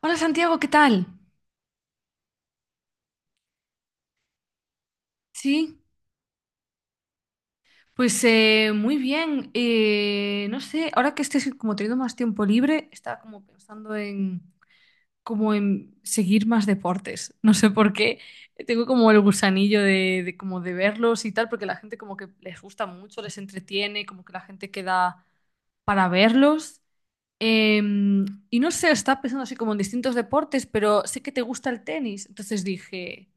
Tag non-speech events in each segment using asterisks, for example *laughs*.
Hola Santiago, ¿qué tal? Sí, pues muy bien. No sé, ahora que estés como teniendo más tiempo libre, estaba como pensando en como en seguir más deportes. *laughs* No sé por qué. Tengo como el gusanillo de como de verlos y tal, porque la gente como que les gusta mucho, les entretiene, como que la gente queda para verlos. Em, y no sé, estaba pensando así como en distintos deportes, pero sé que te gusta el tenis. Entonces dije.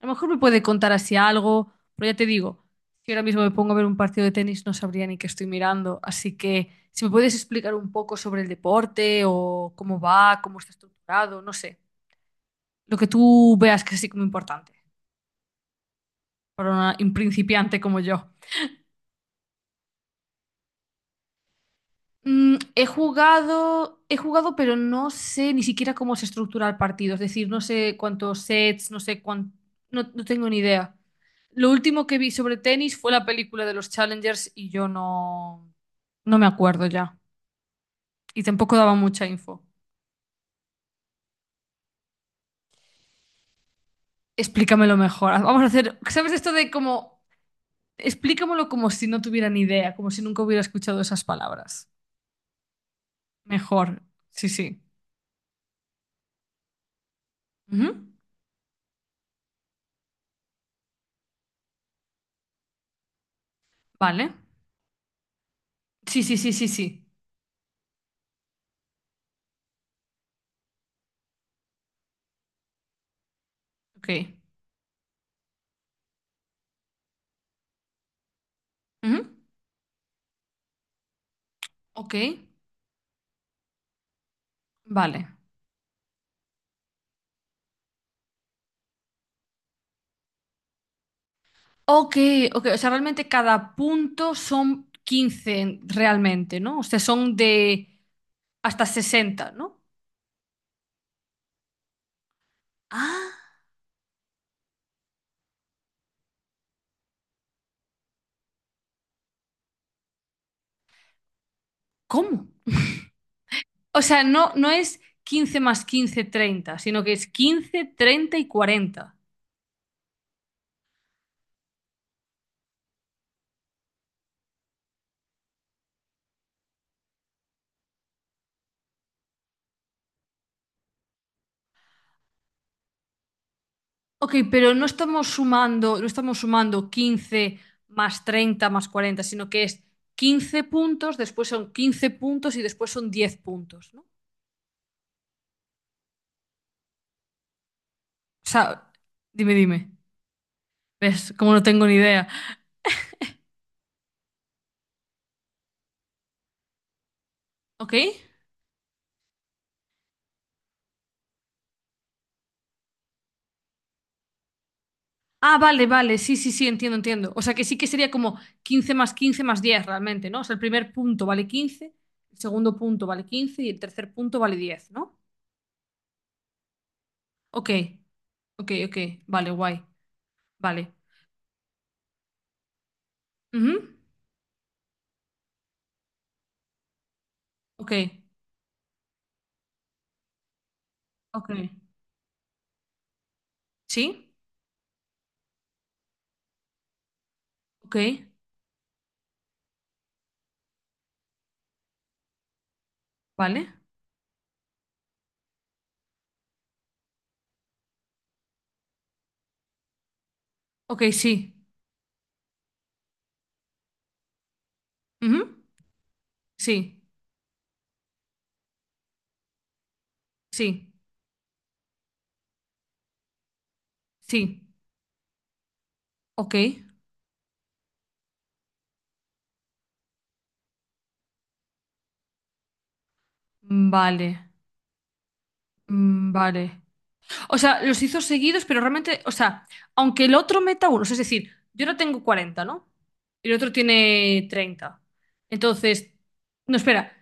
A lo mejor me puede contar así algo, pero ya te digo, si ahora mismo me pongo a ver un partido de tenis no sabría ni qué estoy mirando, así que si me puedes explicar un poco sobre el deporte o cómo va, cómo está estructurado, no sé, lo que tú veas que es así como importante para un principiante como yo. He jugado, pero no sé ni siquiera cómo se estructura el partido, es decir, no sé cuántos sets, no sé cuánto, no, no tengo ni idea. Lo último que vi sobre tenis fue la película de los Challengers y yo no. No me acuerdo ya. Y tampoco daba mucha info. Explícamelo mejor. Vamos a hacer, ¿sabes esto de como, explícamelo como si no tuviera ni idea, como si nunca hubiera escuchado esas palabras? Mejor. Sí, sí. Ujú. Vale. Sí, sí, sí, sí, sí. Ok. Ujú. Ok. Vale. Ok, ok. O sea, realmente cada punto son 15, realmente, ¿no? O sea, son de hasta 60, ¿no? Ah, ¿cómo? *laughs* O sea, no, no es 15 más 15 30, sino que es 15 30 y 40. Ok, pero no estamos sumando, no estamos sumando 15 más 30 más 40, sino que es 15 puntos, después son 15 puntos y después son 10 puntos, ¿no? O sea, dime, dime. ¿Ves? Como no tengo ni idea. ¿Ok? Ah, vale, vale, sí, sí, sí, entiendo, entiendo. O sea, que sí que sería como 15 más 10, realmente, ¿no? O sea, el primer punto vale 15, el segundo punto vale 15 y el tercer punto vale 10, ¿no? Ok, ok, ok. Vale, guay. Vale. Ujú. Ok, ok. Sí, ok, vale. Ok, sí. Ujú. Sí, sí, sí. Ok, vale, mm, vale. O sea, los hizo seguidos, pero realmente, o sea, aunque el otro meta unos, es decir, yo no tengo 40, ¿no? Y el otro tiene 30. Entonces, no, espera,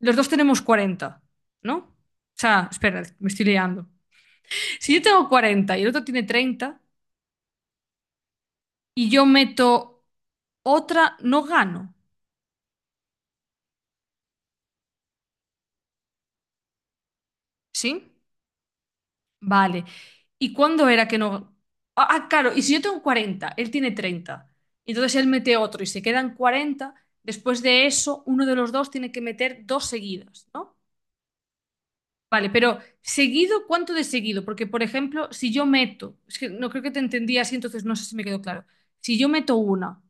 los dos tenemos 40, ¿no? O sea, espera, me estoy liando. Si yo tengo 40 y el otro tiene 30 y yo meto otra, no gano, ¿sí? Vale. ¿Y cuándo era que no? Ah, ah, claro, y si yo tengo 40 él tiene 30, y entonces él mete otro y se quedan 40. Después de eso uno de los dos tiene que meter dos seguidas, ¿no? Vale, pero seguido, ¿cuánto de seguido? Porque, por ejemplo, si yo meto, es que no creo que te entendí así, entonces no sé si me quedó claro. Si yo meto una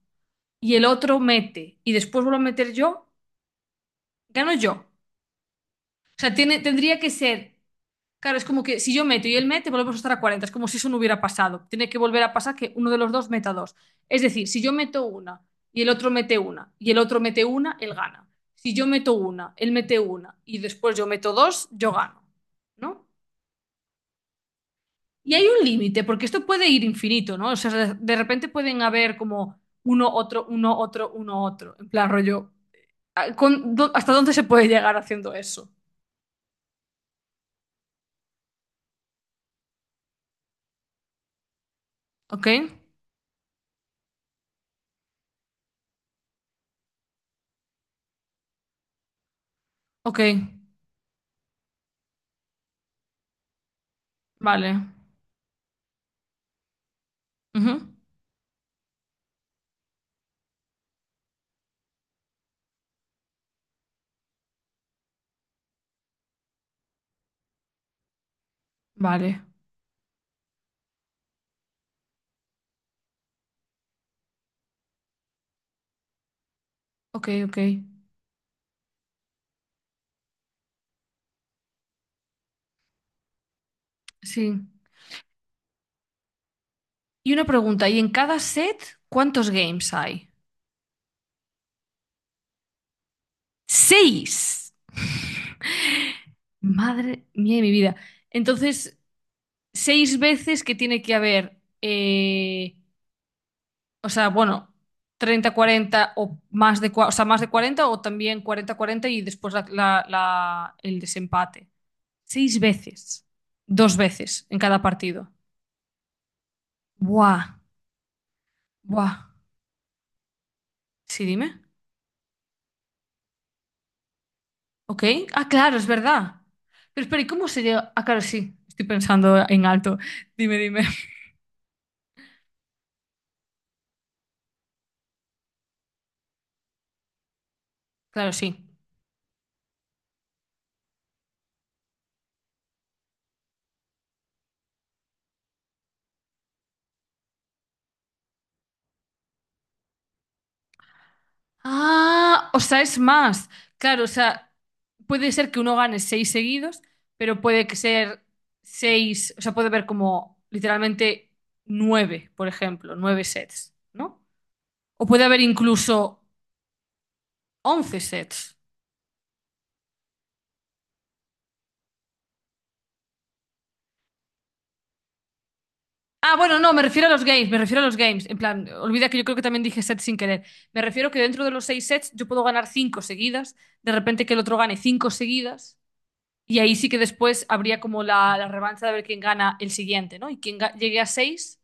y el otro mete y después vuelvo a meter yo, gano yo. O sea, tendría que ser. Claro, es como que si yo meto y él mete, volvemos a estar a 40. Es como si eso no hubiera pasado. Tiene que volver a pasar que uno de los dos meta dos. Es decir, si yo meto una y el otro mete una y el otro mete una, él gana. Si yo meto una, él mete una y después yo meto dos, yo gano. ¿No? Y hay un límite, porque esto puede ir infinito, ¿no? O sea, de repente pueden haber como uno, otro, uno, otro, uno, otro. En plan, rollo. ¿Hasta dónde se puede llegar haciendo eso? ¿Ok? Ok, vale. Ujú. Vale, ok, ok. Sí. Y una pregunta, ¿y en cada set cuántos games hay? Seis. *laughs* Madre mía de mi vida. Entonces, seis veces que tiene que haber, o sea, bueno, 30 40 o más de, o sea, más de 40 o también 40 40 y después el desempate. Seis veces. Dos veces en cada partido. Buah, buah. Sí, dime. Ok. Ah, claro, es verdad. Pero espera, ¿y cómo se llega? Ah, claro, sí. Estoy pensando en alto. Dime, dime. Claro, sí. Ah, o sea, es más. Claro, o sea, puede ser que uno gane seis seguidos, pero puede que ser seis, o sea, puede haber como literalmente nueve, por ejemplo, nueve sets, ¿no? O puede haber incluso once sets. Ah, bueno, no, me refiero a los games, me refiero a los games. En plan, olvida que yo creo que también dije sets sin querer. Me refiero que dentro de los seis sets yo puedo ganar cinco seguidas, de repente que el otro gane cinco seguidas, y ahí sí que después habría como la revancha de ver quién gana el siguiente, ¿no? Y quien llegue a seis,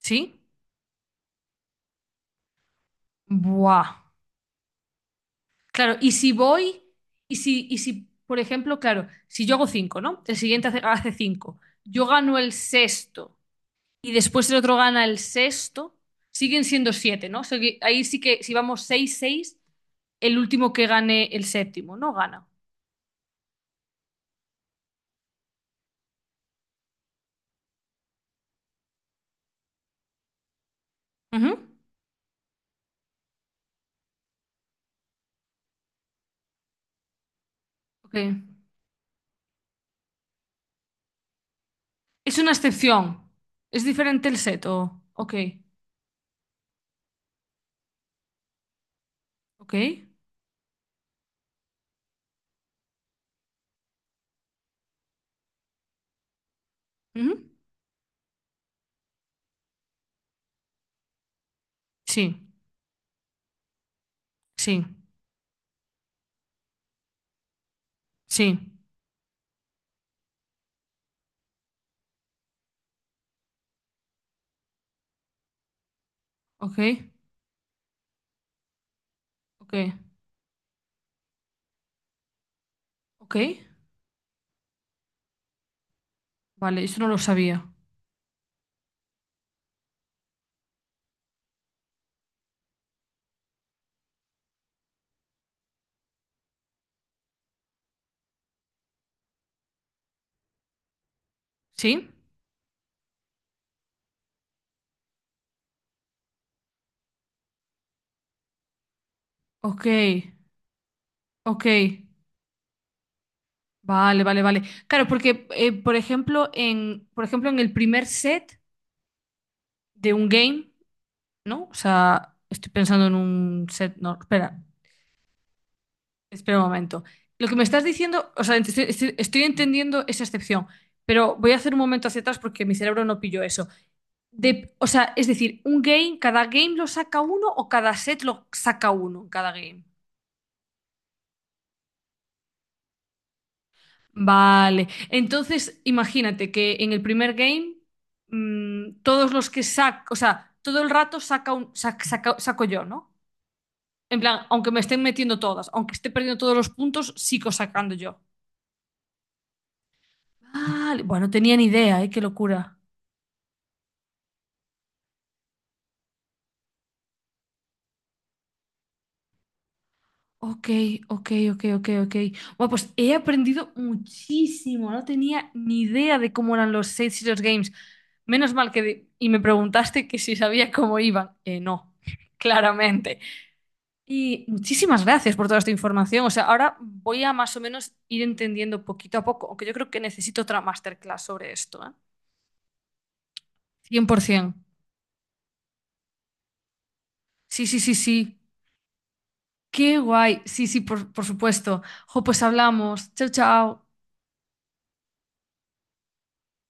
¿sí? Buah. Claro, y si voy, por ejemplo, claro, si yo hago cinco, ¿no? El siguiente hace cinco, yo gano el sexto y después el otro gana el sexto, siguen siendo siete, ¿no? O sea que ahí sí que si vamos seis, seis, el último que gane el séptimo, ¿no? Gana. Ujú. Ok. Es una excepción. Es diferente el set, Ok. Ok. Ujú. Sí. Sí. Sí. Ok. Ok. Ok. Vale, eso no lo sabía. ¿Sí? Ok. Ok. Vale, vale, vale. Claro, porque, por ejemplo, en el primer set de un game, ¿no? O sea, estoy pensando en un set. No, espera, espera un momento. Lo que me estás diciendo, o sea, estoy entendiendo esa excepción, pero voy a hacer un momento hacia atrás porque mi cerebro no pilló eso. De, o sea, es decir, un game, cada game lo saca uno o cada set lo saca uno, en cada game. Vale. Entonces, imagínate que en el primer game, todos los que saco, o sea, todo el rato saca un, sac- saca- saco yo, ¿no? En plan, aunque me estén metiendo todas, aunque esté perdiendo todos los puntos, sigo sacando yo. Vale, bueno, no tenía ni idea, ¿eh? Qué locura. Ok, ok, ok, ok, ok. Bueno, pues he aprendido muchísimo. No tenía ni idea de cómo eran los Save Serious Games. Menos mal que. Y me preguntaste que si sabía cómo iban. No, *laughs* claramente. Y muchísimas gracias por toda esta información. O sea, ahora voy a más o menos ir entendiendo poquito a poco, aunque yo creo que necesito otra masterclass sobre esto, ¿eh? 100%. Sí, sí, sí, sí. Qué guay. Sí, sí, por supuesto. Jo, pues hablamos. Chao, chao.